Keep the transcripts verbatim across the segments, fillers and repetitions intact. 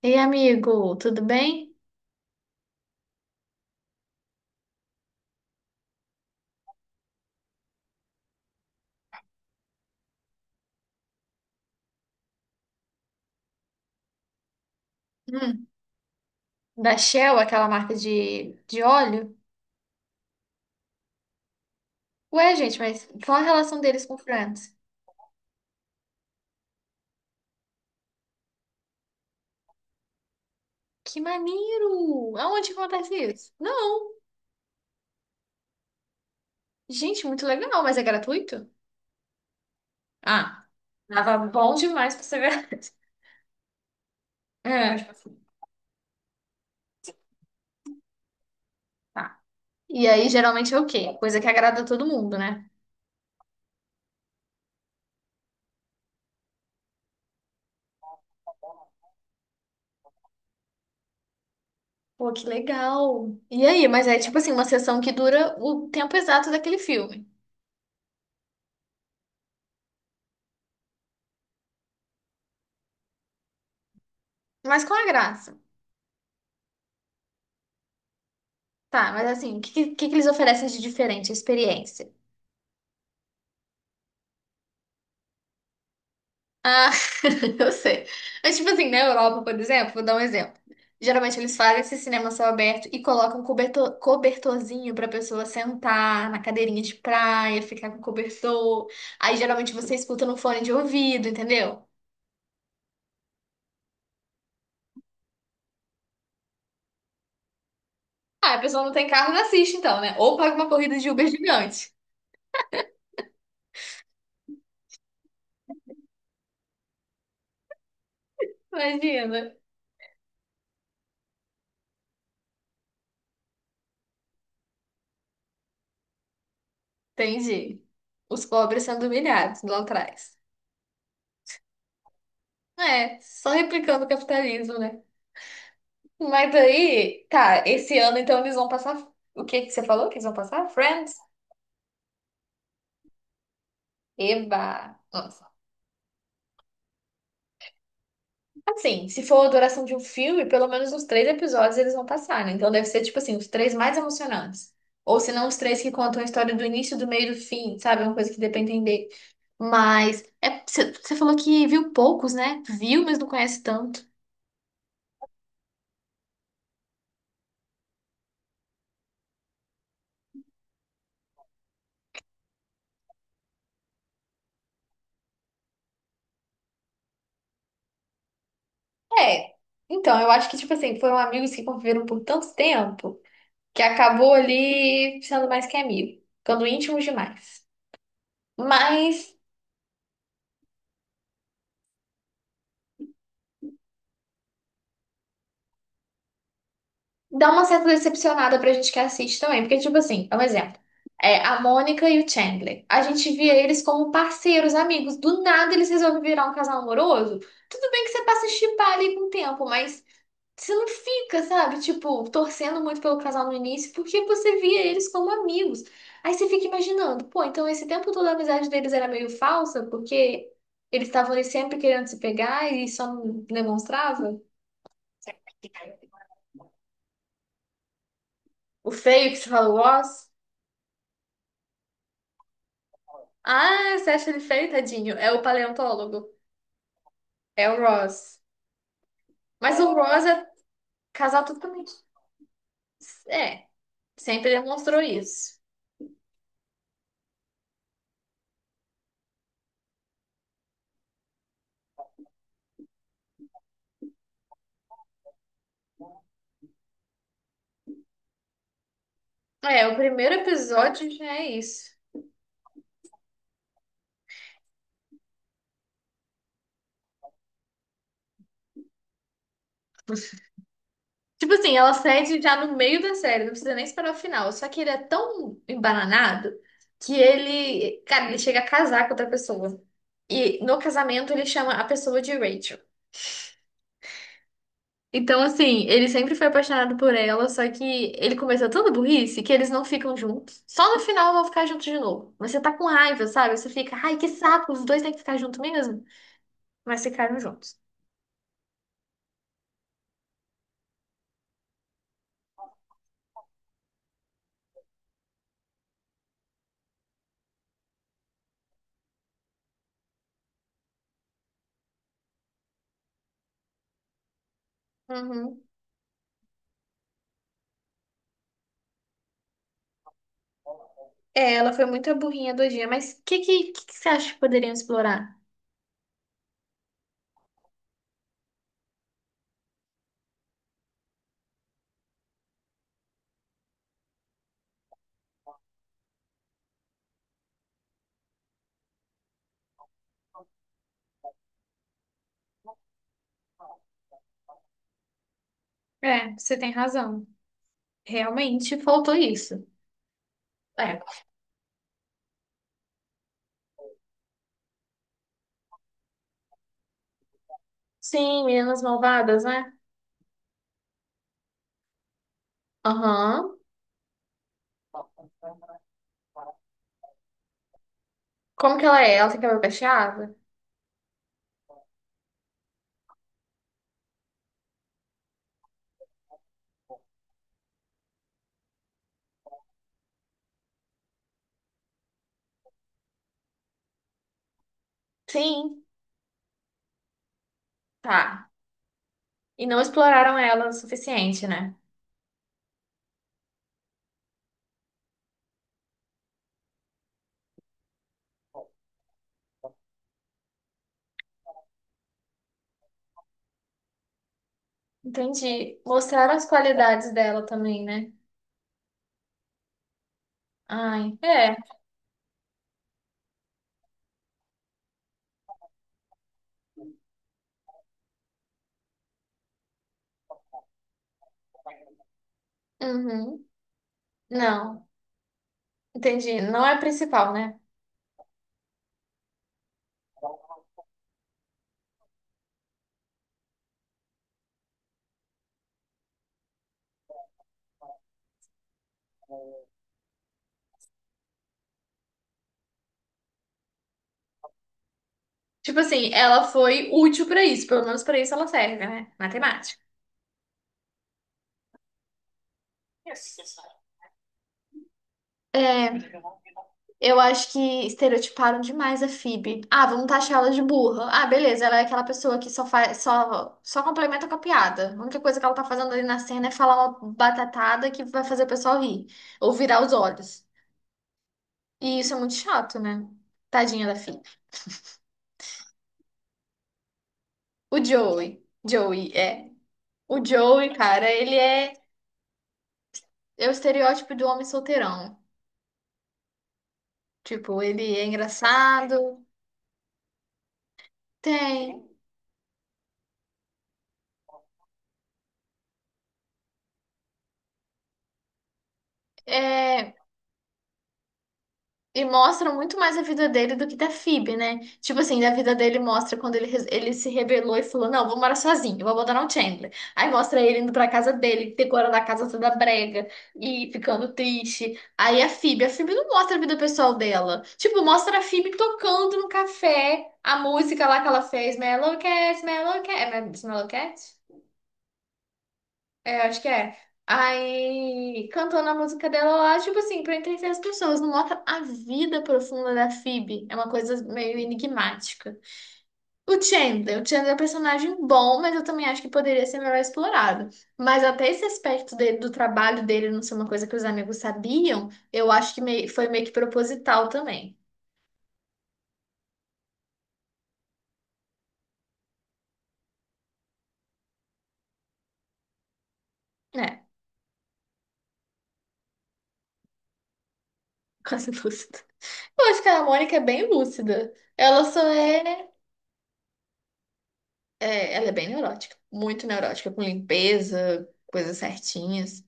Ei, amigo, tudo bem? Hum, Da Shell, aquela marca de, de óleo? Ué, gente, mas qual a relação deles com o Friends? Que maneiro! Aonde que acontece isso? Não! Gente, muito legal, mas é gratuito? Ah, tava bom demais pra ser verdade. É, tá. E aí, geralmente é o quê? Coisa que agrada todo mundo, né? Pô, que legal! E aí, mas é tipo assim, uma sessão que dura o tempo exato daquele filme. Mas qual é a graça? Tá, mas assim, o que, que, que eles oferecem de diferente? Experiência. Eu sei. Mas, tipo assim, na Europa, por exemplo, vou dar um exemplo. Geralmente eles fazem esse cinema a céu aberto e colocam um cobertor, cobertorzinho pra pessoa sentar na cadeirinha de praia, ficar com cobertor. Aí geralmente você escuta no fone de ouvido, entendeu? Ah, a pessoa não tem carro, não assiste então, né? Ou paga uma corrida de Uber gigante. Imagina. Entendi. Os pobres sendo humilhados lá atrás. É, só replicando o capitalismo, né? Mas aí, tá, esse ano então eles vão passar. O que que você falou que eles vão passar? Friends? Eva! Nossa. Assim, se for a duração de um filme, pelo menos uns três episódios eles vão passar, né? Então deve ser, tipo assim, os três mais emocionantes. Ou se não, os três que contam a história do início, do meio e do fim, sabe? Uma coisa que dê pra entender. Mas, é, você você falou que viu poucos, né? Viu, mas não conhece tanto. É. Então, eu acho que, tipo assim, foram amigos que conviveram por tanto tempo, que acabou ali sendo mais que amigo, ficando íntimo demais. Mas dá uma certa decepcionada pra gente que assiste também, porque, tipo assim, é um exemplo. É, a Mônica e o Chandler. A gente via eles como parceiros, amigos. Do nada eles resolvem virar um casal amoroso. Tudo bem que você passa a shippar ali com o tempo, mas você não fica, sabe? Tipo, torcendo muito pelo casal no início, porque você via eles como amigos. Aí você fica imaginando, pô, então esse tempo todo a amizade deles era meio falsa, porque eles estavam ali sempre querendo se pegar e só não demonstrava. O feio que você fala, o Ross? Ah, você acha ele feio, tadinho? É o paleontólogo. É o Ross. Mas o Ross é casal totalmente. É, sempre demonstrou isso. É, o primeiro episódio já é isso. Tipo assim, ela cede já no meio da série, não precisa nem esperar o final. Só que ele é tão embananado que ele, cara, ele chega a casar com outra pessoa. E no casamento ele chama a pessoa de Rachel. Então, assim, ele sempre foi apaixonado por ela, só que ele começou tanta burrice que eles não ficam juntos. Só no final vão ficar juntos de novo. Mas você tá com raiva, sabe? Você fica, ai, que saco, os dois têm que ficar juntos mesmo. Mas ficaram juntos. Uhum. É, ela foi muito a burrinha do dia, mas o que, que, que que você acha que poderiam explorar? É, você tem razão. Realmente faltou isso. É. Sim, Meninas Malvadas, né? Aham. Como que ela é? Ela tem cabelo cacheado? Sim. Tá. E não exploraram ela o suficiente, né? Entendi. Mostraram as qualidades dela também, né? Ai, é. Uhum. Não. Entendi. Não é a principal, né? Tipo assim, ela foi útil pra isso. Pelo menos pra isso ela serve, né? Matemática. É. Eu acho que estereotiparam demais a Phoebe. Ah, vamos taxar ela de burra. Ah, beleza, ela é aquela pessoa que só faz, só, só complementa com a piada. A única coisa que ela tá fazendo ali na cena é falar uma batatada que vai fazer o pessoal rir ou virar os olhos. E isso é muito chato, né? Tadinha da Phoebe. O Joey, Joey é. O Joey, cara, ele é, é o estereótipo do homem solteirão. Tipo, ele é engraçado, tem. É, e mostra muito mais a vida dele do que da Phoebe, né? Tipo assim, a vida dele mostra quando ele, res- ele se rebelou e falou: Não, vou morar sozinho, vou abandonar o Chandler. Aí mostra ele indo pra casa dele, decorando a casa toda brega e ficando triste. Aí a Phoebe, a Phoebe não mostra a vida pessoal dela. Tipo, mostra a Phoebe tocando no café a música lá que ela fez: Melow Cat, Melow Cat. É Melow Cat? É, acho que é. Aí, cantando a música dela lá, tipo assim, pra entreter as pessoas, não mostra a vida profunda da Phoebe. É uma coisa meio enigmática. O Chandler, o Chandler é um personagem bom, mas eu também acho que poderia ser melhor explorado. Mas até esse aspecto dele, do trabalho dele não ser uma coisa que os amigos sabiam, eu acho que meio- foi meio que proposital também. É, quase lúcido. Eu acho que a Mônica é bem lúcida. Ela só é, né. É, ela é bem neurótica, muito neurótica, com limpeza, coisas certinhas.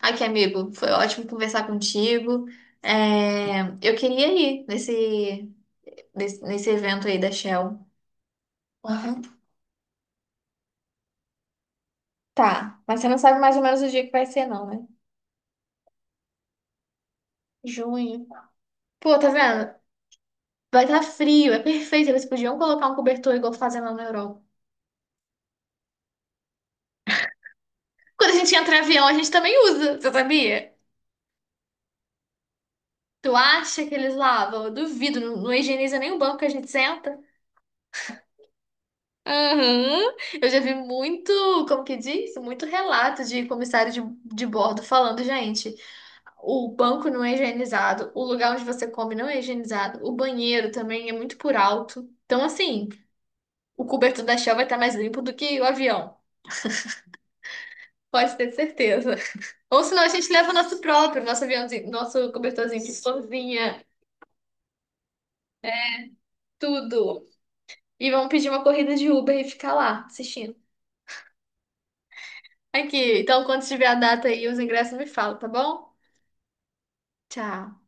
Aqui, amigo, foi ótimo conversar contigo. É, eu queria ir nesse, nesse, nesse evento aí da Shell. Aham. Tá, mas você não sabe mais ou menos o dia que vai ser, não, né? Junho. Pô, tá vendo? Vai estar frio, é perfeito. Eles podiam colocar um cobertor igual fazem lá na Europa. Quando a gente entra em avião, a gente também usa, você sabia? Tu acha que eles lavam? Eu duvido, não, não higieniza nem o banco que a gente senta. Aham. Eu já vi muito, como que diz? Muito relato de comissário de, de bordo falando, gente, o banco não é higienizado, o lugar onde você come não é higienizado, o banheiro também é muito por alto. Então, assim, o cobertor da Shell vai estar mais limpo do que o avião. Pode ter certeza. Ou senão a gente leva o nosso próprio, nosso aviãozinho, nosso cobertorzinho, florzinha, tudo. E vamos pedir uma corrida de Uber e ficar lá assistindo. Aqui, então quando tiver a data aí, os ingressos me falam, tá bom? Tchau.